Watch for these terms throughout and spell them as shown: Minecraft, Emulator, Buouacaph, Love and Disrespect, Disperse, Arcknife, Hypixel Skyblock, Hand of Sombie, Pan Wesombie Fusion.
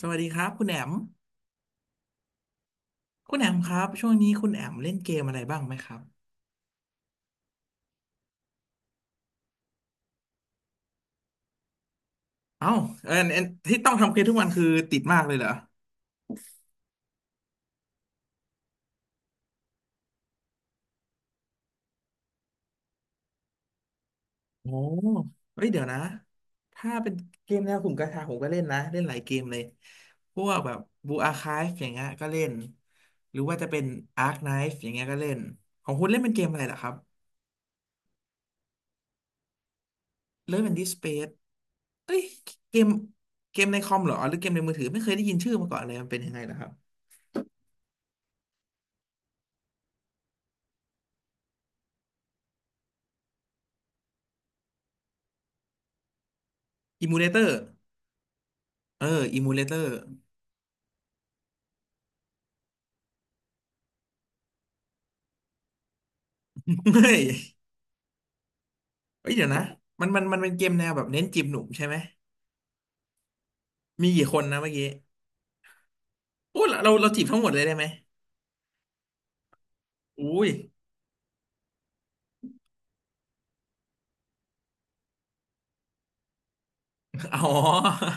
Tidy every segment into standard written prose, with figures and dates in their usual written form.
สวัสดีครับคุณแอมคุณแอมครับช่วงนี้คุณแอมเล่นเกมอะไรบ้างไหมครับเอ้าเออเอ่อที่ต้องทำเกมทุกวันคือติดมากเลยเหรอโอ้เฮ้ยเดี๋ยวนะถ้าเป็นเกมแนวกลุ่มกาชาผมก็เล่นนะเล่นหลายเกมเลยพวกแบบบูอาคาฟอย่างเงี้ยก็เล่นหรือว่าจะเป็นอาร์คไนฟ์อย่างเงี้ยก็เล่นของคุณเล่นเป็นเกมอะไรเหรอครับเล่นเป็นดิสเปซเอ้ยเกมเกมในคอมเหรอหรือเกมในมือถือไม่เคยได้ยินชื่อมาก่อนเลยมันเป็นยังไงเหรอครับอิมูเลเตอร์เอออิมูเลเตอร์ เฮ้ยเฮ้ยเดี๋ยวนะ มันเป็นเกมแนวแบบเน้นจีบหนุ่มใช่ไหม มีกี่คนนะเมื่อกี้โอ้เราจีบทั้งหมดเลยได้ไหมอุ้ย อ๋อ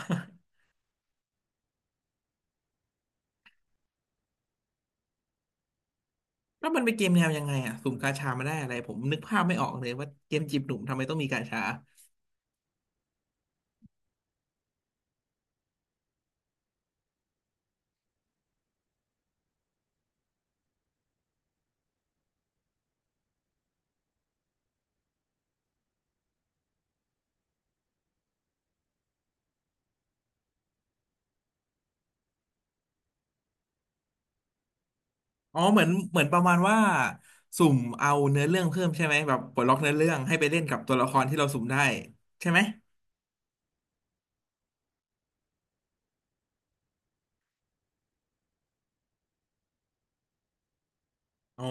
แล้วมันเป็นเกมแนวยังไงอ่ะสุ่มกาชามาได้อะไรผมนึกภาพไม่ออกเลยว่าเกมจีบหนุ่มทำไมต้องมีกาชา อ๋อเหมือนประมาณว่าสุ่มเอาเนื้อเรื่องเพิ่มใช่ไหมแบบปลดล็อกเนื้อเรื่องให้ไปเล่นกับตัวละครที่เราสุ่มได้ใช่ไหมอ๋อ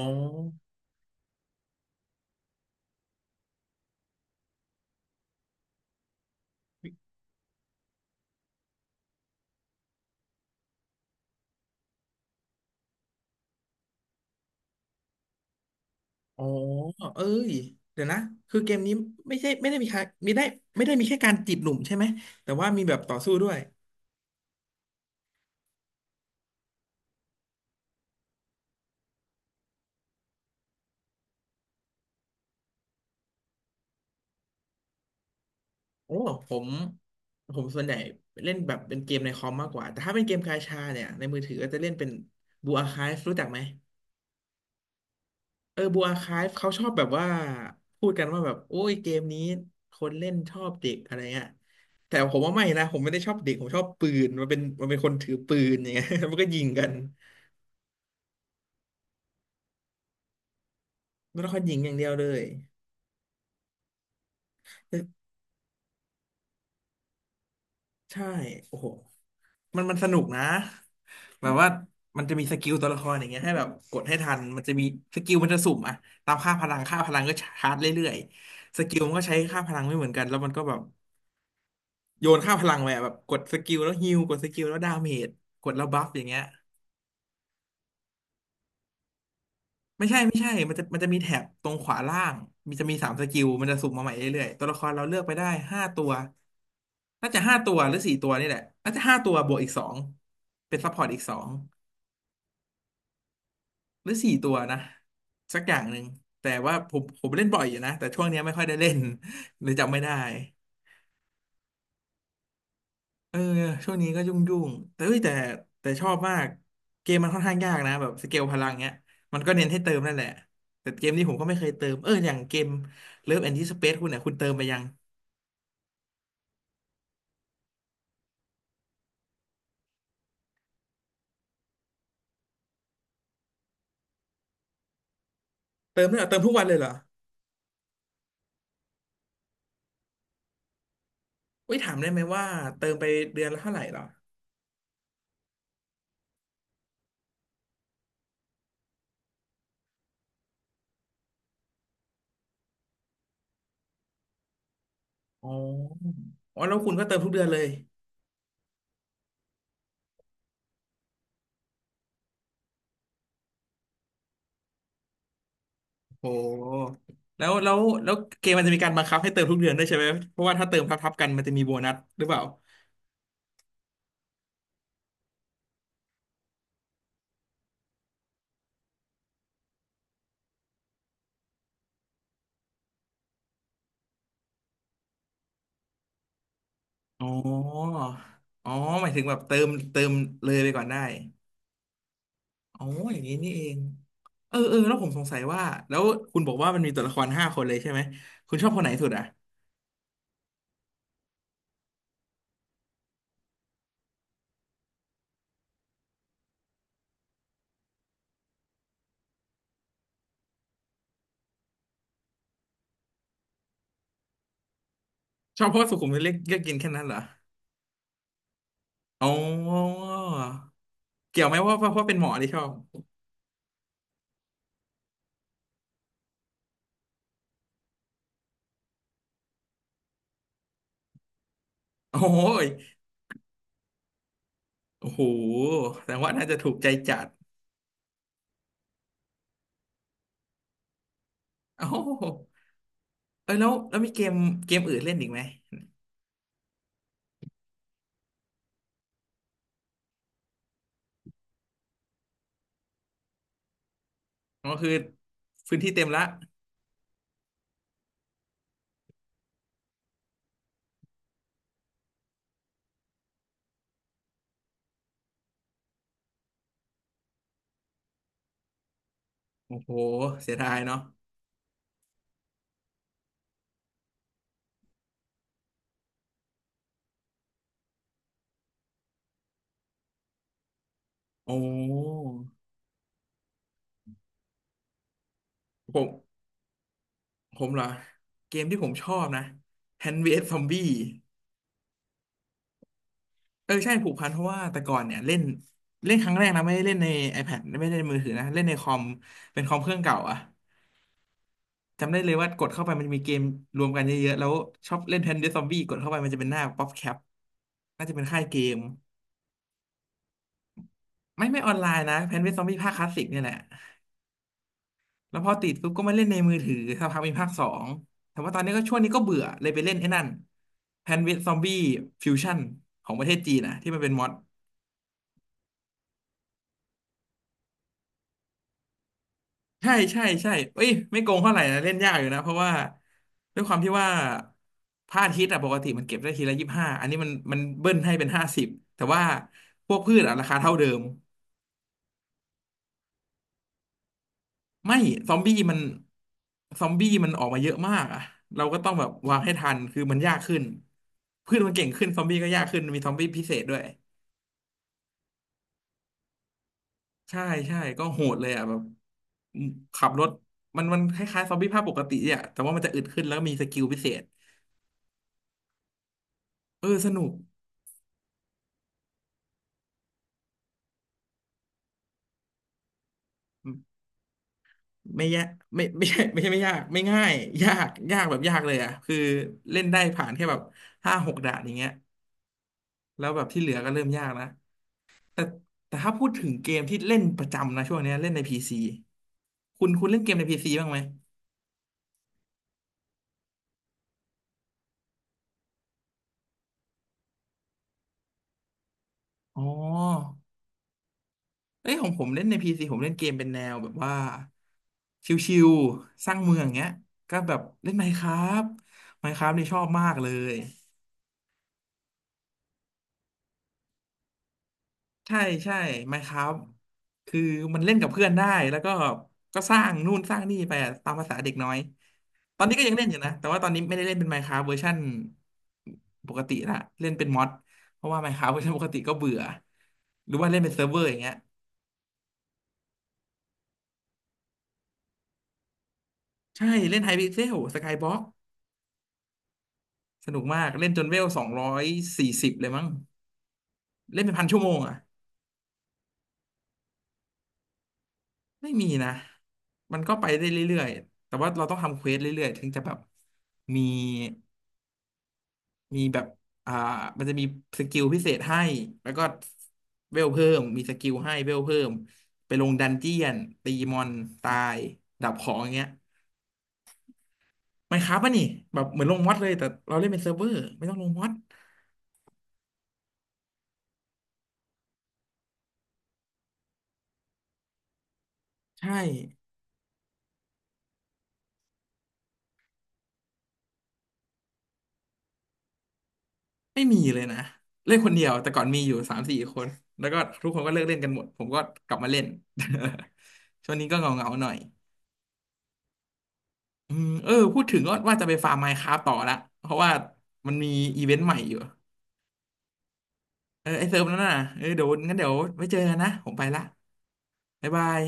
อ๋อ เอ้ย เดี๋ยวนะคือเกมนี้ไม่ใช่ไม่ได้มีแค่มีได้ไม่ได้มีแค่การจีบหนุ่มใช่ไหม แต่ว่ามีแบบต่อสู้ด้วย โอ้ผมผมส่วนใหญ่เล่นแบบเป็นเกมในคอมมากกว่า แต่ถ้าเป็นเกมกาชาเนี่ยในมือถือก็จะเล่นเป็นบูอาคาฟรู้จักไหมเออบูอาคาฟเขาชอบแบบว่าพูดกันว่าแบบโอ้ยเกมนี้คนเล่นชอบเด็กอะไรเงี้ยแต่ผมว่าไม่นะผมไม่ได้ชอบเด็กผมชอบปืนมันเป็นคนถือปืนอย่างเงี้ย มันก็ยิงกันมันต้องคยิงอย่างเดียวเลย ใช่โอ้โหมันสนุกนะแบบว่ามันจะมีสกิลตัวละครอย่างเงี้ยให้แบบกดให้ทันมันจะมีสกิลมันจะสุ่มอะตามค่าพลังค่าพลังก็ชาร์จเรื่อยๆสกิลมันก็ใช้ค่าพลังไม่เหมือนกันแล้วมันก็แบบโยนค่าพลังไปอะแบบกดสกิลแล้วฮีลกดสกิลแล้วดาเมจกดแล้วบัฟอย่างเงี้ยไม่ใช่มันจะมีแถบตรงขวาล่างมีจะมีสามสกิลมันจะสุ่มมาใหม่เรื่อยๆตัวละครเราเลือกไปได้ห้าตัวน่าจะห้าตัวหรือสี่ตัวนี่แหละน่าจะห้าตัวบวกอีกสองเป็นซัพพอร์ตอีกสอง หรือสี่ตัวนะสักอย่างหนึ่งแต่ว่าผมเล่นบ่อยอยู่นะแต่ช่วงเนี้ยไม่ค่อยได้เล่น เลยจำไม่ได้เออช่วงนี้ก็ยุ่งแต่เอ้ยแต่แต่ชอบมากเกมมันค่อนข้างยากนะแบบสเกลพลังเนี้ยมันก็เน้นให้เติมนั่นแหละแต่เกมนี้ผมก็ไม่เคยเติมเอออย่างเกม Love and Disrespect คุณเนี่ยคุณเติมไปยังเติมเลยเหรอเติมทุกวันเลยเหรออุ้ยถามได้ไหมว่าเติมไปเดือนละเท่าไหร่เหรออ๋ออ๋อแล้วคุณก็เติมทุกเดือนเลย โอ้แล้วเกมมันจะมีการบังคับให้เติมทุกเดือนด้วยใช่ไหมเพราะว่าถ้าเติมทับๆกันมันจะมีโบนัสหรือเปล่าอ๋ออ๋อหมายถึงแบบเติมเลยไปก่อนได้อ๋ออย่างนี้นี่เองเออเออแล้วผมสงสัยว่าแล้วคุณบอกว่ามันมีตัวละครห้าคนเลยใช่ไหมคุณชอบคนไหนสุดอ่ะชอบเพราะว่าสุขุมวิทเลือกเลือกกินแค่นั้นเหรออ๋อเกี่ยวไหมว่าเพราะเป็นหมอที่ชอบโอ้ยโอ้โหแสดงว่าน่าจะถูกใจจัดโอ้โห เออแล้วแล้วมีเกมอื่นเล่นอีกไหมอ๋อคือพื้นที่เต็มละโอ้โหเสียดายเนาะโอ้ผมผมเหรอเกมที่ผมชอบนะแฮนด์อสซอมบี้เออใช่ผูกพันเพราะว่าแต่ก่อนเนี่ยเล่นเล่นครั้งแรกนะไม่ได้เล่นใน iPad ไม่ได้เล่นในมือถือนะเล่นในคอมเป็นคอมเครื่องเก่าอะจำได้เลยว่ากดเข้าไปมันจะมีเกมรวมกันเยอะๆแล้วชอบเล่นแฮนด์อสซอมบี้กดเข้าไปมันจะเป็นหน้าป๊อปแคปน่าจะเป็นค่ายเกมไม่ออนไลน์นะแฮนด์อสซอมบี้ภาคคลาสสิกเนี่ยแหละ แล้วพอติดปุ๊บก็มาเล่นในมือถือสักพักมีภาคสองแต่ว่าตอนนี้ก็ช่วงนี้ก็เบื่อเลยไปเล่นไอ้นั่นแพนเวสซอมบี้ฟิวชั่นของประเทศจีนนะที่มันเป็นมอดใช่ใช่ใช่เอ้ยไม่โกงเท่าไหร่นะเล่นยากอยู่นะเพราะว่าด้วยความที่ว่าพระอาทิตย์อะปกติมันเก็บได้ทีละ25อันนี้มันเบิ้ลให้เป็น50แต่ว่าพวกพืชอะราคาเท่าเดิม ไม่ซอมบี้มันซอมบี้มันออกมาเยอะมากอะเราก็ต้องแบบวางให้ทันคือมันยากขึ้นพืชมันเก่งขึ้นซอมบี้ก็ยากขึ้นมีซอมบี้พิเศษด้วยใช่ใช่ก็โหดเลยอ่ะแบบขับรถมันคล้ายๆซอมบี้ภาคปกติอ่ะแต่ว่ามันจะอึดขึ้นแล้วมีสกิลพิเศษเออสนุกไม่ยากไม่ไม่ใช่ไม่ใช่ไม่ยากไม่ง่ายยากยากแบบยากเลยอ่ะคือเล่นได้ผ่านแค่แบบ5-6ด่านอย่างเงี้ยแล้วแบบที่เหลือก็เริ่มยากนะ แต่ถ้าพูดถึงเกมที่เล่นประจำนะช่วงเนี้ยเล่นในพีซีคุณเล่นเกมในพีซีบ้างไหมอ๋อเอ้ยของผมเล่นในพีซีผมเล่นเกมเป็นแนวแบบว่าชิวๆสร้างเมืองเงี้ยก็แบบเล่น Minecraft Minecraft นี่ชอบมากเลยใช่ใช่ Minecraft คือมันเล่นกับเพื่อนได้แล้วก็สร้างนู่นสร้างนี่ไปอะตามภาษาเด็กน้อย ตอนนี้ก็ยังเล่นอยู่นะแต่ว่าตอนนี้ไม่ได้เล่นเป็น Minecraft เวอร์ชันปกติละเล่นเป็นมอดเพราะว่า Minecraft เวอร์ชันปกติก็เบื่อหรือว่าเล่นเป็นเซิร์ฟเวอร์อย่างเงี้ยใช่เล่นไฮพิกเซลสกายบ็อกสนุกมากเล่นจนเวล240เลยมั้งเล่นเป็นพันชั่วโมงอ่ะไม่มีนะมันก็ไปได้เรื่อยๆแต่ว่าเราต้องทำเควสเรื่อยๆถึงจะแบบมี แบบอ่ามันจะมีสกิลพิเศษให้ แล้วก็เวลเพิ่ม มีสกิลให้เวลเพิ่ม ไปลงดันเจียนตีมอนตาย ดับของอย่างเงี้ยไมน์คราฟต์ป่ะนี่ แบบเหมือนลงมอดเลย แต่เราเล่นเป็นเซิร์ฟเวอร์ไม่ต้องลงมอดใช่ ไม่มีเลยนะ เล่นคนเดียว แต่ก่อนมีอยู่3-4คน แล้วก็ทุกคนก็เลิกเล่นกันหมด ผมก็กลับมาเล่น ช่วงนี้ก็เงาเงาหน่อยอืมเออ พูดถึงก็ว่าจะไปฟาร์มมน์คราตต่อละเพราะว่ามันมีอีเวนต์ใหม่อยู่ เออไอเซิร์ฟนั่นน่ะเออเดี๋ยวงั้นเดี๋ยวไว้เจอกันนะ ผมไปละบ๊ายบาย